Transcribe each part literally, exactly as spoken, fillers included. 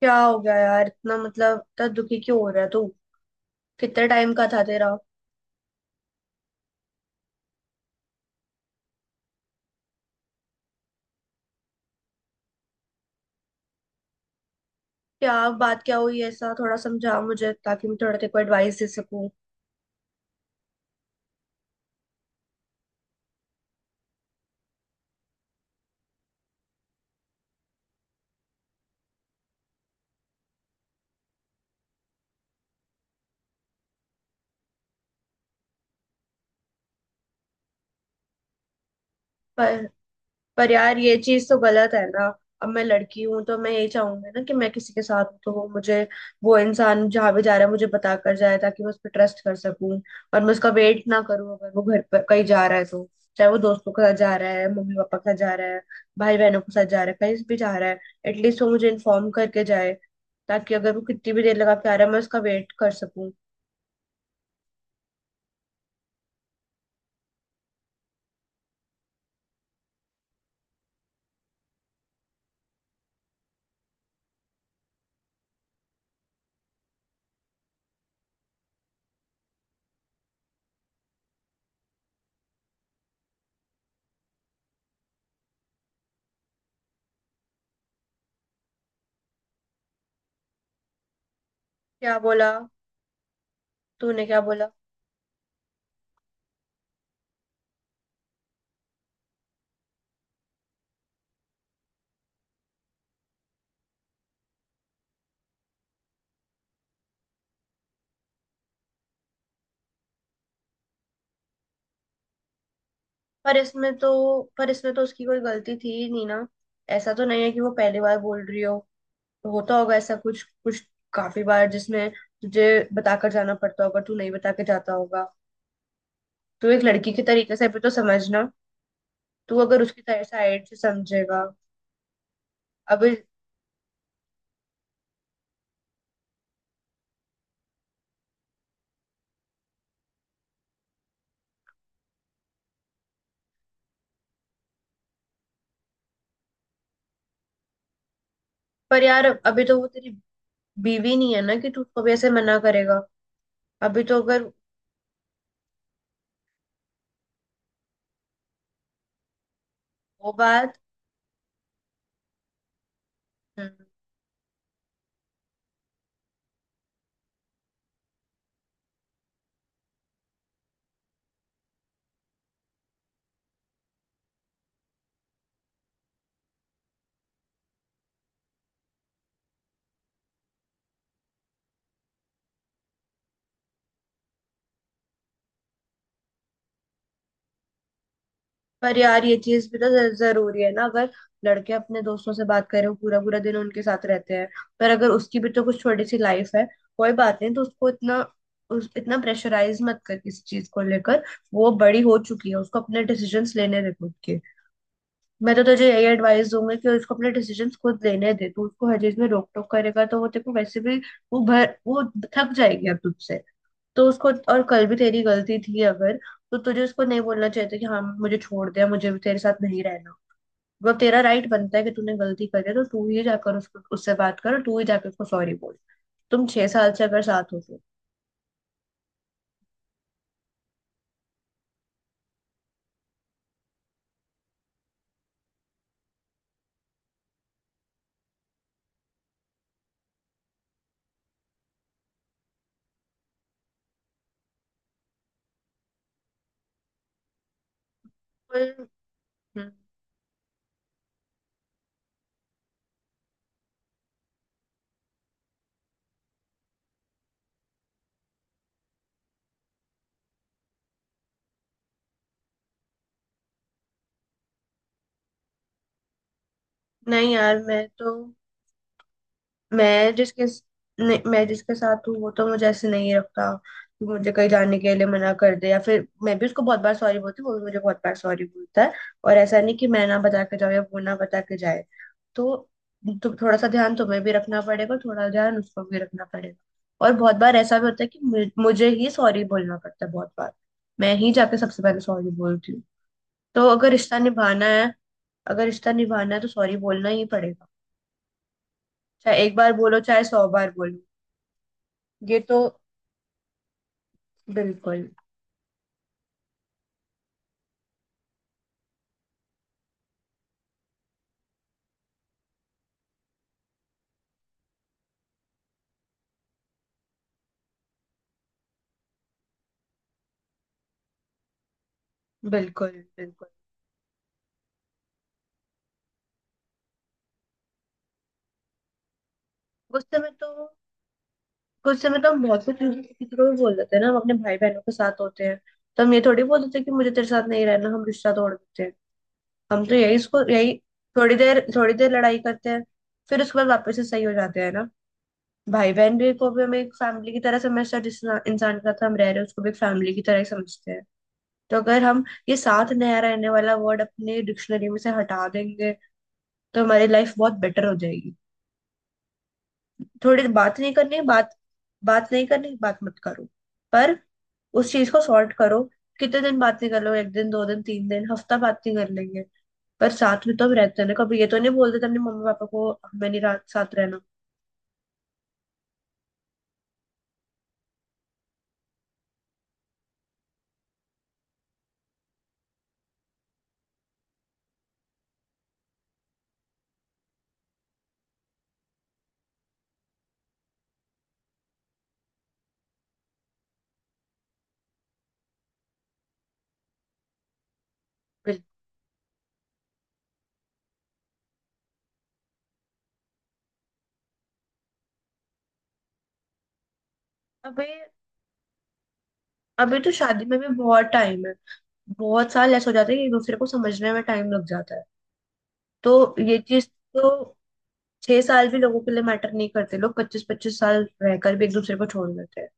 क्या हो गया यार? इतना मतलब इतना दुखी क्यों हो रहा है तू? कितने टाइम का था तेरा? क्या? बात क्या हुई? ऐसा थोड़ा समझा मुझे ताकि मैं थोड़ा तेरे को एडवाइस दे सकूं। पर पर यार ये चीज तो गलत है ना। अब मैं लड़की हूं तो मैं यही चाहूंगी ना कि मैं किसी के साथ हूं तो वो मुझे, वो इंसान जहां भी जा रहा है मुझे बता कर जाए ताकि मैं उस पर ट्रस्ट कर सकूं और मैं उसका वेट ना करूं। अगर वो घर पर कहीं जा रहा है तो चाहे वो दोस्तों के साथ जा रहा है, मम्मी पापा के साथ जा रहा है, भाई बहनों के साथ जा रहा है, कहीं भी जा रहा है, एटलीस्ट वो मुझे इन्फॉर्म करके जाए ताकि अगर वो कितनी भी देर लगा के आ रहा है मैं उसका वेट कर सकूं। क्या बोला? तूने क्या बोला? पर इसमें तो पर इसमें तो उसकी कोई गलती थी ही नहीं ना। ऐसा तो नहीं है कि वो पहली बार बोल रही हो, तो होता होगा ऐसा कुछ कुछ काफी बार जिसमें तुझे बताकर जाना पड़ता होगा, तू नहीं बता के जाता होगा। तो एक लड़की के तरीके से भी तो समझना। तू अगर उसकी साइड से समझेगा। अभी, पर यार अभी तो वो तेरी बीवी नहीं है ना कि तू उसको भी ऐसे मना करेगा। अभी तो अगर वो बात हम्म, पर यार ये चीज भी तो ज- जरूरी है ना? अगर लड़के अपने दोस्तों से बात करें वो पूरा पूरा दिन उनके साथ रहते हैं, पर अगर उसकी भी तो कुछ छोटी सी लाइफ है, कोई बात नहीं तो उसको इतना, उस इतना प्रेशराइज मत कर किसी चीज को लेकर। वो बड़ी हो चुकी है, उसको अपने डिसीजंस लेने दे खुद के। मैं तो तुझे यही एडवाइस दूंगी कि उसको अपने डिसीजंस खुद लेने दे, तू उसको हर चीज में रोक टोक करेगा तो वो तेरे को वैसे भी वो भर वो थक जाएगी अब तुझसे। तो उसको, और कल भी तेरी गलती थी अगर, तो तुझे उसको नहीं बोलना चाहिए था कि हाँ मुझे छोड़ दे मुझे भी तेरे साथ नहीं रहना। वो तेरा राइट बनता है कि तूने गलती करी है तो तू ही जाकर उसको उससे बात कर और तू ही जाकर उसको सॉरी बोल। तुम छह साल से अगर साथ हो तो पर, हम्म, नहीं यार मैं तो मैं जिसके नहीं, मैं जिसके साथ हूँ वो तो मुझे ऐसे नहीं रखता कि मुझे कहीं जाने के लिए मना कर दे, या फिर मैं भी उसको बहुत बार सॉरी बोलती हूँ, वो भी मुझे बहुत बार सॉरी बोलता है। और ऐसा नहीं कि मैं ना बता के जाऊँ या वो ना बता के जाए। तो तो थोड़ा सा ध्यान तुम्हें भी रखना पड़ेगा, थोड़ा ध्यान उसको भी रखना पड़ेगा। और बहुत बार ऐसा भी होता है कि मु- मुझे ही सॉरी बोलना पड़ता है बहुत बार। मैं ही जाके सबसे पहले सॉरी बोलती हूँ। तो अगर रिश्ता निभाना है अगर रिश्ता निभाना है तो सॉरी बोलना ही पड़ेगा। चाहे एक बार बोलो चाहे सौ बार बोलो। ये तो बिल्कुल। बिल्कुल। बिल्कुल। गुस्से में तो गुस्से में तो हम बहुत कुछ किसी को भी बोल देते हैं ना। हम अपने भाई बहनों के साथ होते हैं तो हम ये थोड़ी बोल देते हैं कि मुझे तेरे साथ नहीं रहना, हम रिश्ता तोड़ देते हैं। हम तो यही इसको यही थोड़ी देर थोड़ी देर लड़ाई करते हैं फिर उसके बाद वापस से सही हो जाते हैं ना। भाई बहन भी को भी हम एक फैमिली की तरह समझते हैं, जिस इंसान के साथ हम रह रहे हैं उसको भी एक फैमिली की तरह ही समझते हैं। तो अगर हम ये साथ नया रहने वाला वर्ड अपने डिक्शनरी में से हटा देंगे तो हमारी लाइफ बहुत बेटर हो जाएगी। थोड़ी देर बात नहीं करनी, बात बात नहीं करनी, बात मत करो, पर उस चीज को सॉर्ट करो। कितने दिन बात नहीं कर लो? एक दिन, दो दिन, तीन दिन, हफ्ता बात नहीं कर लेंगे। पर साथ में तो हम रहते हैं ना, कभी ये तो नहीं बोलते थे अपने मम्मी पापा को हमें नहीं रात साथ रहना। बिल्कुल। अबे, अभी तो शादी में भी बहुत टाइम है। बहुत साल ऐसे हो जाते हैं कि एक दूसरे को समझने में टाइम लग जाता है। तो ये चीज, तो छह साल भी लोगों के लिए मैटर नहीं करते, लोग पच्चीस पच्चीस साल रहकर भी एक दूसरे को छोड़ देते हैं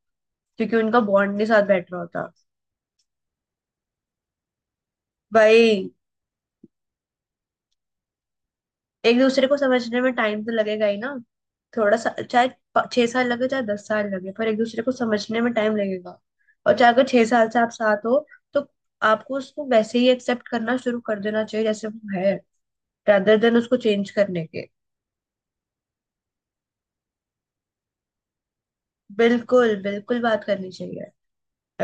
क्योंकि उनका बॉन्ड नहीं साथ बैठ रहा होता। भाई, एक दूसरे को समझने में टाइम तो लगेगा ही ना। थोड़ा सा, चाहे प- छह साल लगे चाहे दस साल लगे पर एक दूसरे को समझने में टाइम लगेगा। और चाहे अगर छह साल से आप साथ हो तो आपको उसको वैसे ही एक्सेप्ट करना शुरू कर देना चाहिए जैसे वो है, rather देन उसको चेंज करने के। बिल्कुल, बिल्कुल बात करनी चाहिए।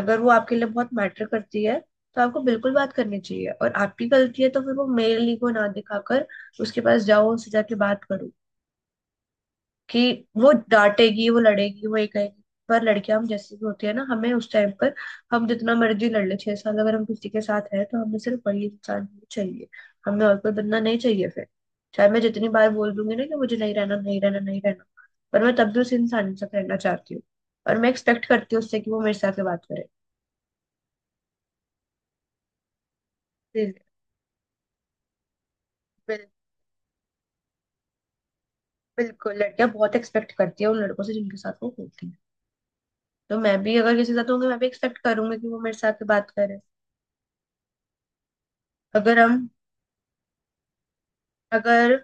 अगर वो आपके लिए बहुत मैटर करती है तो आपको बिल्कुल बात करनी चाहिए और आपकी गलती है तो फिर वो मेल ईगो ना दिखाकर उसके पास जाओ, उससे जाके बात करो कि वो डांटेगी, वो लड़ेगी, वो ये कहेगी। पर लड़कियां हम जैसी भी होती है ना, हमें उस टाइम पर, हम जितना मर्जी लड़ ले, छह साल अगर हम किसी के साथ हैं तो हमें सिर्फ वही इंसान ही चाहिए। हमें और कोई बंदा नहीं चाहिए फिर। चाहे मैं जितनी बार बोल दूंगी ना कि मुझे नहीं रहना, नहीं रहना, नहीं रहना, पर मैं तब भी उस इंसान से रहना चाहती हूँ। और मैं एक्सपेक्ट करती हूँ उससे कि वो मेरे साथ बात करे। बिल, बिल, बिल्कुल। लड़कियां बहुत एक्सपेक्ट करती है उन लड़कों से जिनके साथ वो होती है। तो मैं भी अगर किसी के साथ होंगी मैं भी एक्सपेक्ट करूंगी कि वो मेरे साथ बात करे। अगर हम अगर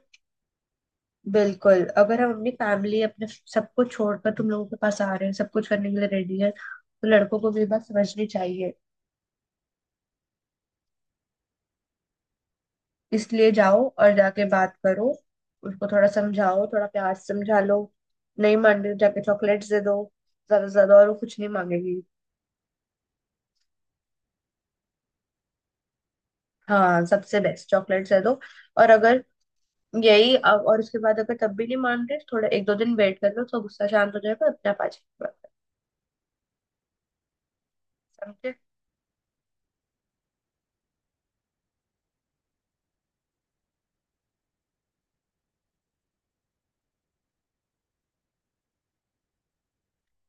बिल्कुल। अगर हम अपनी फैमिली, अपने सबको छोड़कर तुम लोगों के पास आ रहे हैं, सब कुछ करने के लिए रेडी है, तो लड़कों को भी ये बात समझनी चाहिए। इसलिए जाओ और जाके बात करो। उसको थोड़ा समझाओ, थोड़ा प्यार से समझा लो। नहीं मान रही हो, जाके चॉकलेट्स दे दो ज्यादा से ज्यादा, और वो कुछ नहीं मांगेगी। हाँ, सबसे बेस्ट चॉकलेट्स दे दो। और अगर यही अब- और उसके बाद अगर तब भी नहीं मान रहे तो थोड़ा एक दो दिन वेट कर लो तो गुस्सा शांत हो जाएगा, अपने आप आ जाएगा। समझे?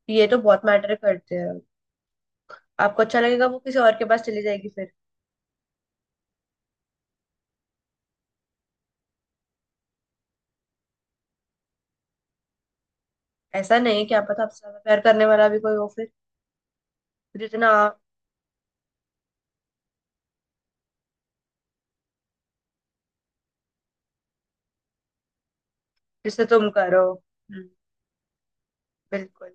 ये तो बहुत मैटर करते हैं। आपको अच्छा लगेगा वो किसी और के पास चली जाएगी फिर? ऐसा नहीं, क्या पता आपसे ज्यादा प्यार करने वाला भी कोई हो फिर। जितना आप- जिससे तुम करो, हम्म। बिल्कुल।